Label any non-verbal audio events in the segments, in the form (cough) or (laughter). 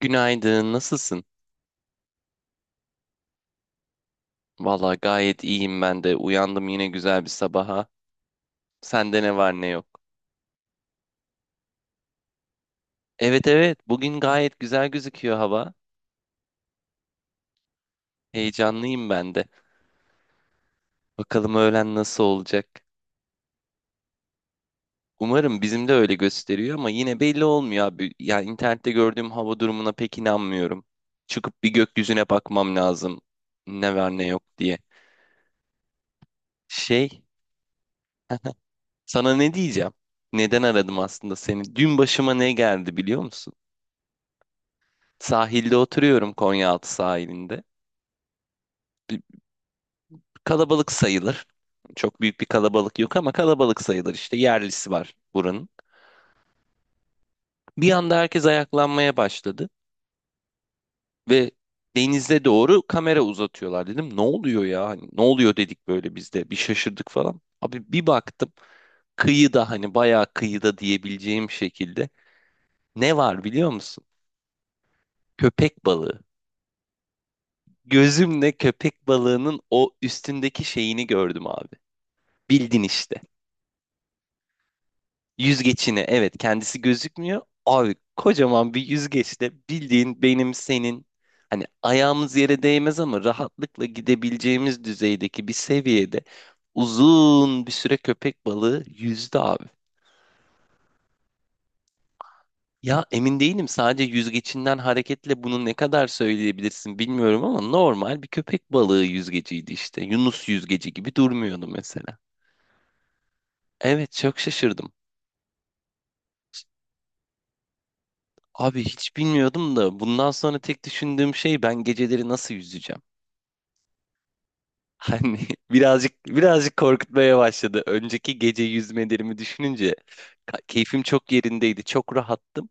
Günaydın, nasılsın? Valla gayet iyiyim ben de. Uyandım yine güzel bir sabaha. Sende ne var ne yok. Evet evet, bugün gayet güzel gözüküyor hava. Heyecanlıyım ben de. Bakalım öğlen nasıl olacak. Umarım bizim de öyle gösteriyor ama yine belli olmuyor abi. Ya internette gördüğüm hava durumuna pek inanmıyorum. Çıkıp bir gökyüzüne bakmam lazım. Ne var ne yok diye. Şey, sana ne diyeceğim? Neden aradım aslında seni? Dün başıma ne geldi biliyor musun? Sahilde oturuyorum Konyaaltı sahilinde. Bir- Kalabalık sayılır. Çok büyük bir kalabalık yok ama kalabalık sayılır işte yerlisi var buranın. Bir anda herkes ayaklanmaya başladı ve denize doğru kamera uzatıyorlar dedim. Ne oluyor ya? Hani ne oluyor dedik böyle biz de bir şaşırdık falan. Abi bir baktım kıyıda hani bayağı kıyıda diyebileceğim şekilde ne var biliyor musun? Köpek balığı. Gözümle köpek balığının o üstündeki şeyini gördüm abi. Bildin işte. Yüzgeçini evet kendisi gözükmüyor. Abi kocaman bir yüzgeçle bildiğin benim senin hani ayağımız yere değmez ama rahatlıkla gidebileceğimiz düzeydeki bir seviyede uzun bir süre köpek balığı yüzdü abi. Ya emin değilim sadece yüzgecinden hareketle bunu ne kadar söyleyebilirsin bilmiyorum ama normal bir köpek balığı yüzgeciydi işte. Yunus yüzgeci gibi durmuyordu mesela. Evet çok şaşırdım. Abi hiç bilmiyordum da bundan sonra tek düşündüğüm şey ben geceleri nasıl yüzeceğim? Hani (laughs) birazcık birazcık korkutmaya başladı. Önceki gece yüzmelerimi düşününce keyfim çok yerindeydi. Çok rahattım.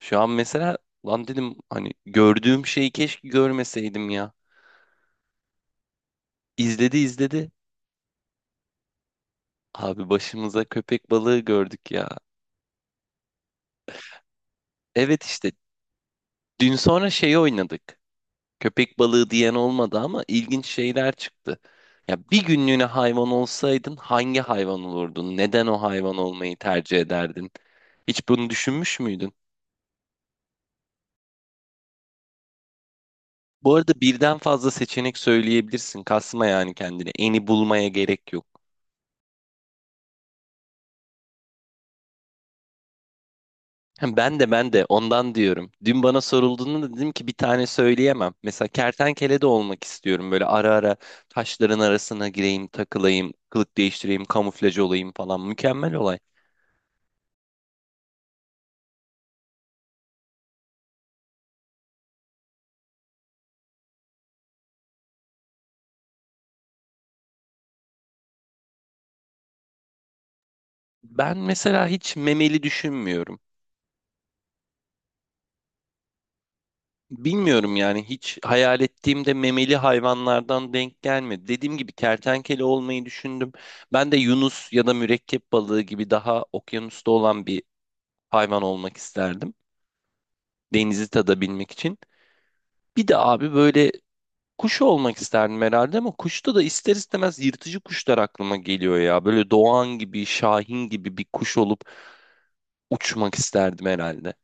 Şu an mesela lan dedim hani gördüğüm şeyi keşke görmeseydim ya. İzledi izledi. Abi başımıza köpek balığı gördük ya. Evet işte dün sonra şeyi oynadık. Köpek balığı diyen olmadı ama ilginç şeyler çıktı. Ya bir günlüğüne hayvan olsaydın hangi hayvan olurdun? Neden o hayvan olmayı tercih ederdin? Hiç bunu düşünmüş müydün? Bu arada birden fazla seçenek söyleyebilirsin. Kasma yani kendini. Eni bulmaya gerek yok. Hem ben de ondan diyorum. Dün bana sorulduğunda da dedim ki bir tane söyleyemem. Mesela kertenkele de olmak istiyorum. Böyle ara ara taşların arasına gireyim, takılayım, kılık değiştireyim, kamuflaj olayım falan. Mükemmel olay. Ben mesela hiç memeli düşünmüyorum. Bilmiyorum yani hiç hayal ettiğimde memeli hayvanlardan denk gelmedi. Dediğim gibi kertenkele olmayı düşündüm. Ben de yunus ya da mürekkep balığı gibi daha okyanusta olan bir hayvan olmak isterdim. Denizi tadabilmek için. Bir de abi böyle kuş olmak isterdim herhalde ama kuşta da ister istemez yırtıcı kuşlar aklıma geliyor ya. Böyle doğan gibi, şahin gibi bir kuş olup uçmak isterdim herhalde.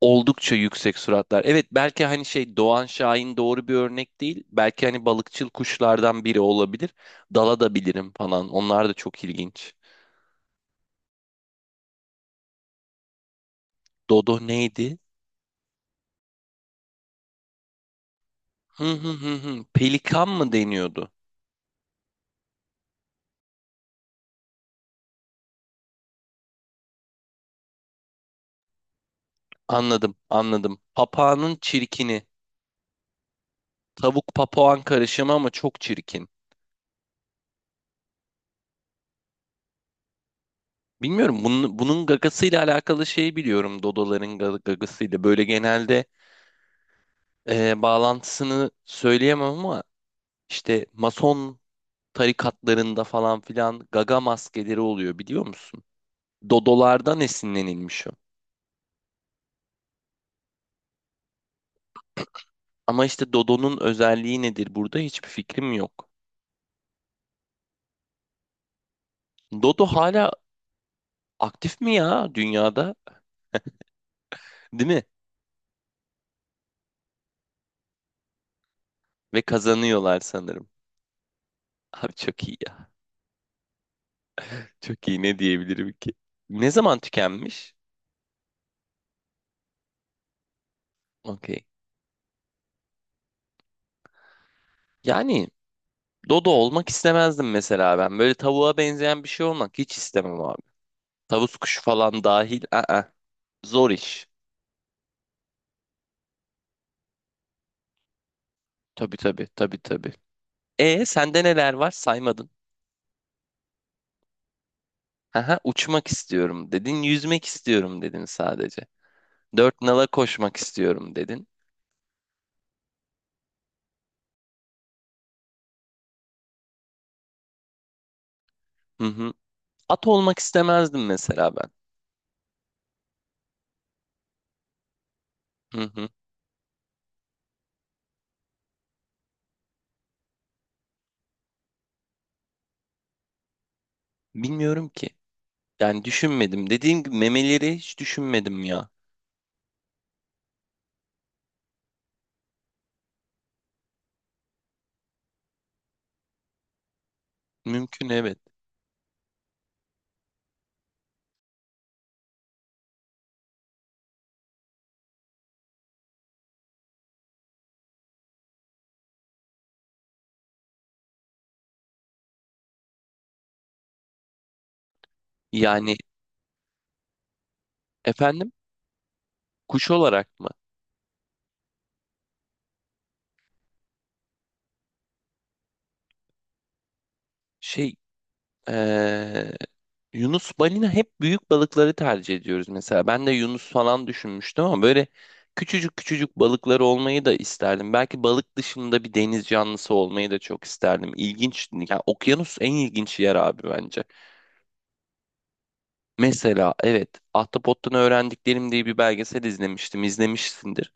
Oldukça yüksek suratlar. Evet belki hani şey Doğan Şahin doğru bir örnek değil. Belki hani balıkçıl kuşlardan biri olabilir. Dala da bilirim falan. Onlar da çok ilginç. Dodo neydi? Hı hı hı hı. Pelikan mı deniyordu? Anladım, anladım. Papağanın çirkini. Tavuk papağan karışımı ama çok çirkin. Bilmiyorum bunun gagasıyla alakalı şey biliyorum. Dodoların gagasıyla. Böyle genelde bağlantısını söyleyemem ama işte mason tarikatlarında falan filan gaga maskeleri oluyor biliyor musun? Dodolardan esinlenilmiş o. Ama işte Dodo'nun özelliği nedir burada hiçbir fikrim yok. Dodo hala aktif mi ya dünyada? Değil mi? Ve kazanıyorlar sanırım. Abi çok iyi ya. Çok iyi ne diyebilirim ki? Ne zaman tükenmiş? Okey. Yani Dodo olmak istemezdim mesela ben. Böyle tavuğa benzeyen bir şey olmak hiç istemem abi. Tavus kuşu falan dahil. Aa, zor iş. Tabii tabii tabii tabii. E sende neler var? Saymadın. Haha, uçmak istiyorum dedin. Yüzmek istiyorum dedin sadece. Dört nala koşmak istiyorum dedin. Hı hı. At olmak istemezdim mesela ben. Hı hı. Bilmiyorum ki. Yani düşünmedim. Dediğim gibi memeleri hiç düşünmedim ya. Mümkün evet. Yani efendim kuş olarak mı? Şey eee, Yunus balina hep büyük balıkları tercih ediyoruz mesela. Ben de Yunus falan düşünmüştüm ama böyle küçücük küçücük balıkları olmayı da isterdim. Belki balık dışında bir deniz canlısı olmayı da çok isterdim. İlginç. Yani okyanus en ilginç yer abi bence. Mesela evet Ahtapot'tan Öğrendiklerim diye bir belgesel izlemiştim. İzlemişsindir.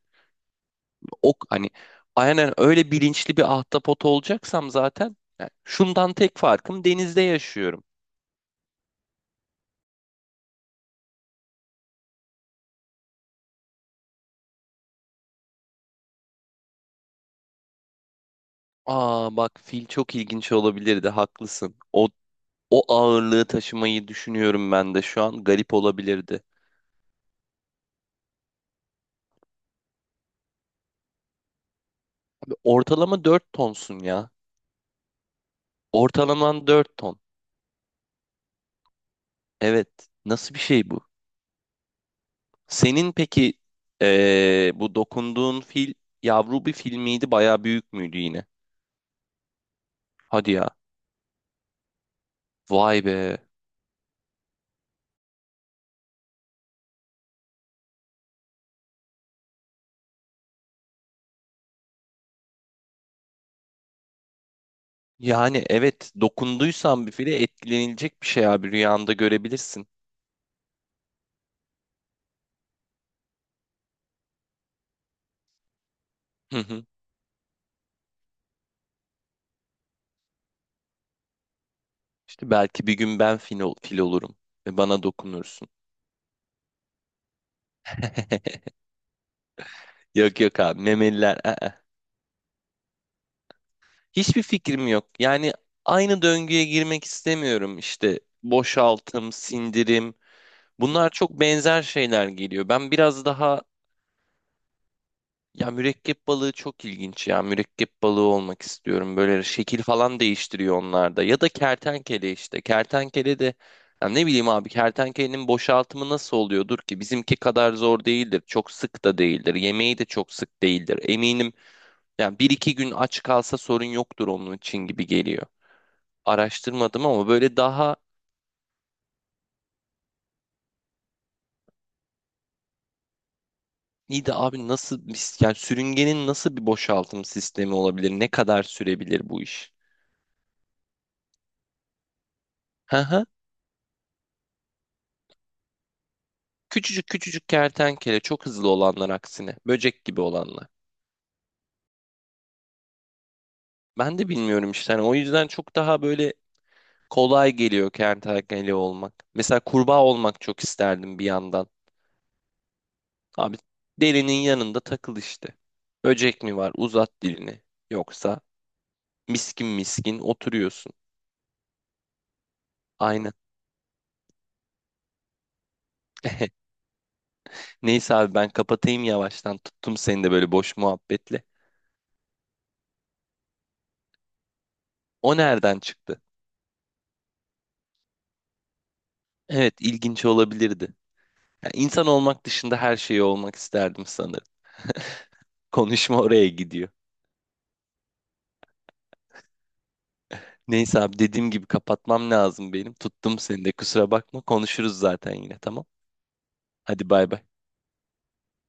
Ok hani aynen öyle bilinçli bir ahtapot olacaksam zaten yani şundan tek farkım denizde yaşıyorum. Aa bak fil çok ilginç olabilirdi haklısın. O ağırlığı taşımayı düşünüyorum ben de şu an. Garip olabilirdi. Ortalama 4 tonsun ya. Ortalaman 4 ton. Evet. Nasıl bir şey bu? Senin peki bu dokunduğun fil yavru bir fil miydi? Bayağı büyük müydü yine? Hadi ya. Vay be. Yani evet dokunduysan bir file etkilenilecek bir şey abi rüyanda görebilirsin. Hı hı. İşte belki bir gün ben fil olurum ve bana dokunursun. (laughs) Yok yok abi memeliler. Aa. Hiçbir fikrim yok. Yani aynı döngüye girmek istemiyorum. İşte boşaltım, sindirim. Bunlar çok benzer şeyler geliyor. Ben biraz daha ya mürekkep balığı çok ilginç ya. Mürekkep balığı olmak istiyorum. Böyle şekil falan değiştiriyor onlarda. Ya da kertenkele işte. Kertenkele de ya ne bileyim abi kertenkelenin boşaltımı nasıl oluyordur ki? Bizimki kadar zor değildir. Çok sık da değildir. Yemeği de çok sık değildir. Eminim yani bir iki gün aç kalsa sorun yoktur onun için gibi geliyor. Araştırmadım ama böyle daha iyi de abi nasıl yani sürüngenin nasıl bir boşaltım sistemi olabilir? Ne kadar sürebilir bu iş? Hı hı. Küçücük küçücük kertenkele çok hızlı olanlar aksine böcek gibi olanlar. Ben de bilmiyorum işte hani o yüzden çok daha böyle kolay geliyor kertenkele olmak. Mesela kurbağa olmak çok isterdim bir yandan. Abi derinin yanında takıl işte. Böcek mi var? Uzat dilini. Yoksa miskin miskin oturuyorsun. Aynen. (laughs) Neyse abi ben kapatayım yavaştan. Tuttum seni de böyle boş muhabbetle. O nereden çıktı? Evet ilginç olabilirdi. Yani insan olmak dışında her şeyi olmak isterdim sanırım. (laughs) Konuşma oraya gidiyor. Neyse abi dediğim gibi kapatmam lazım benim. Tuttum seni de kusura bakma. Konuşuruz zaten yine tamam. Hadi bay bay.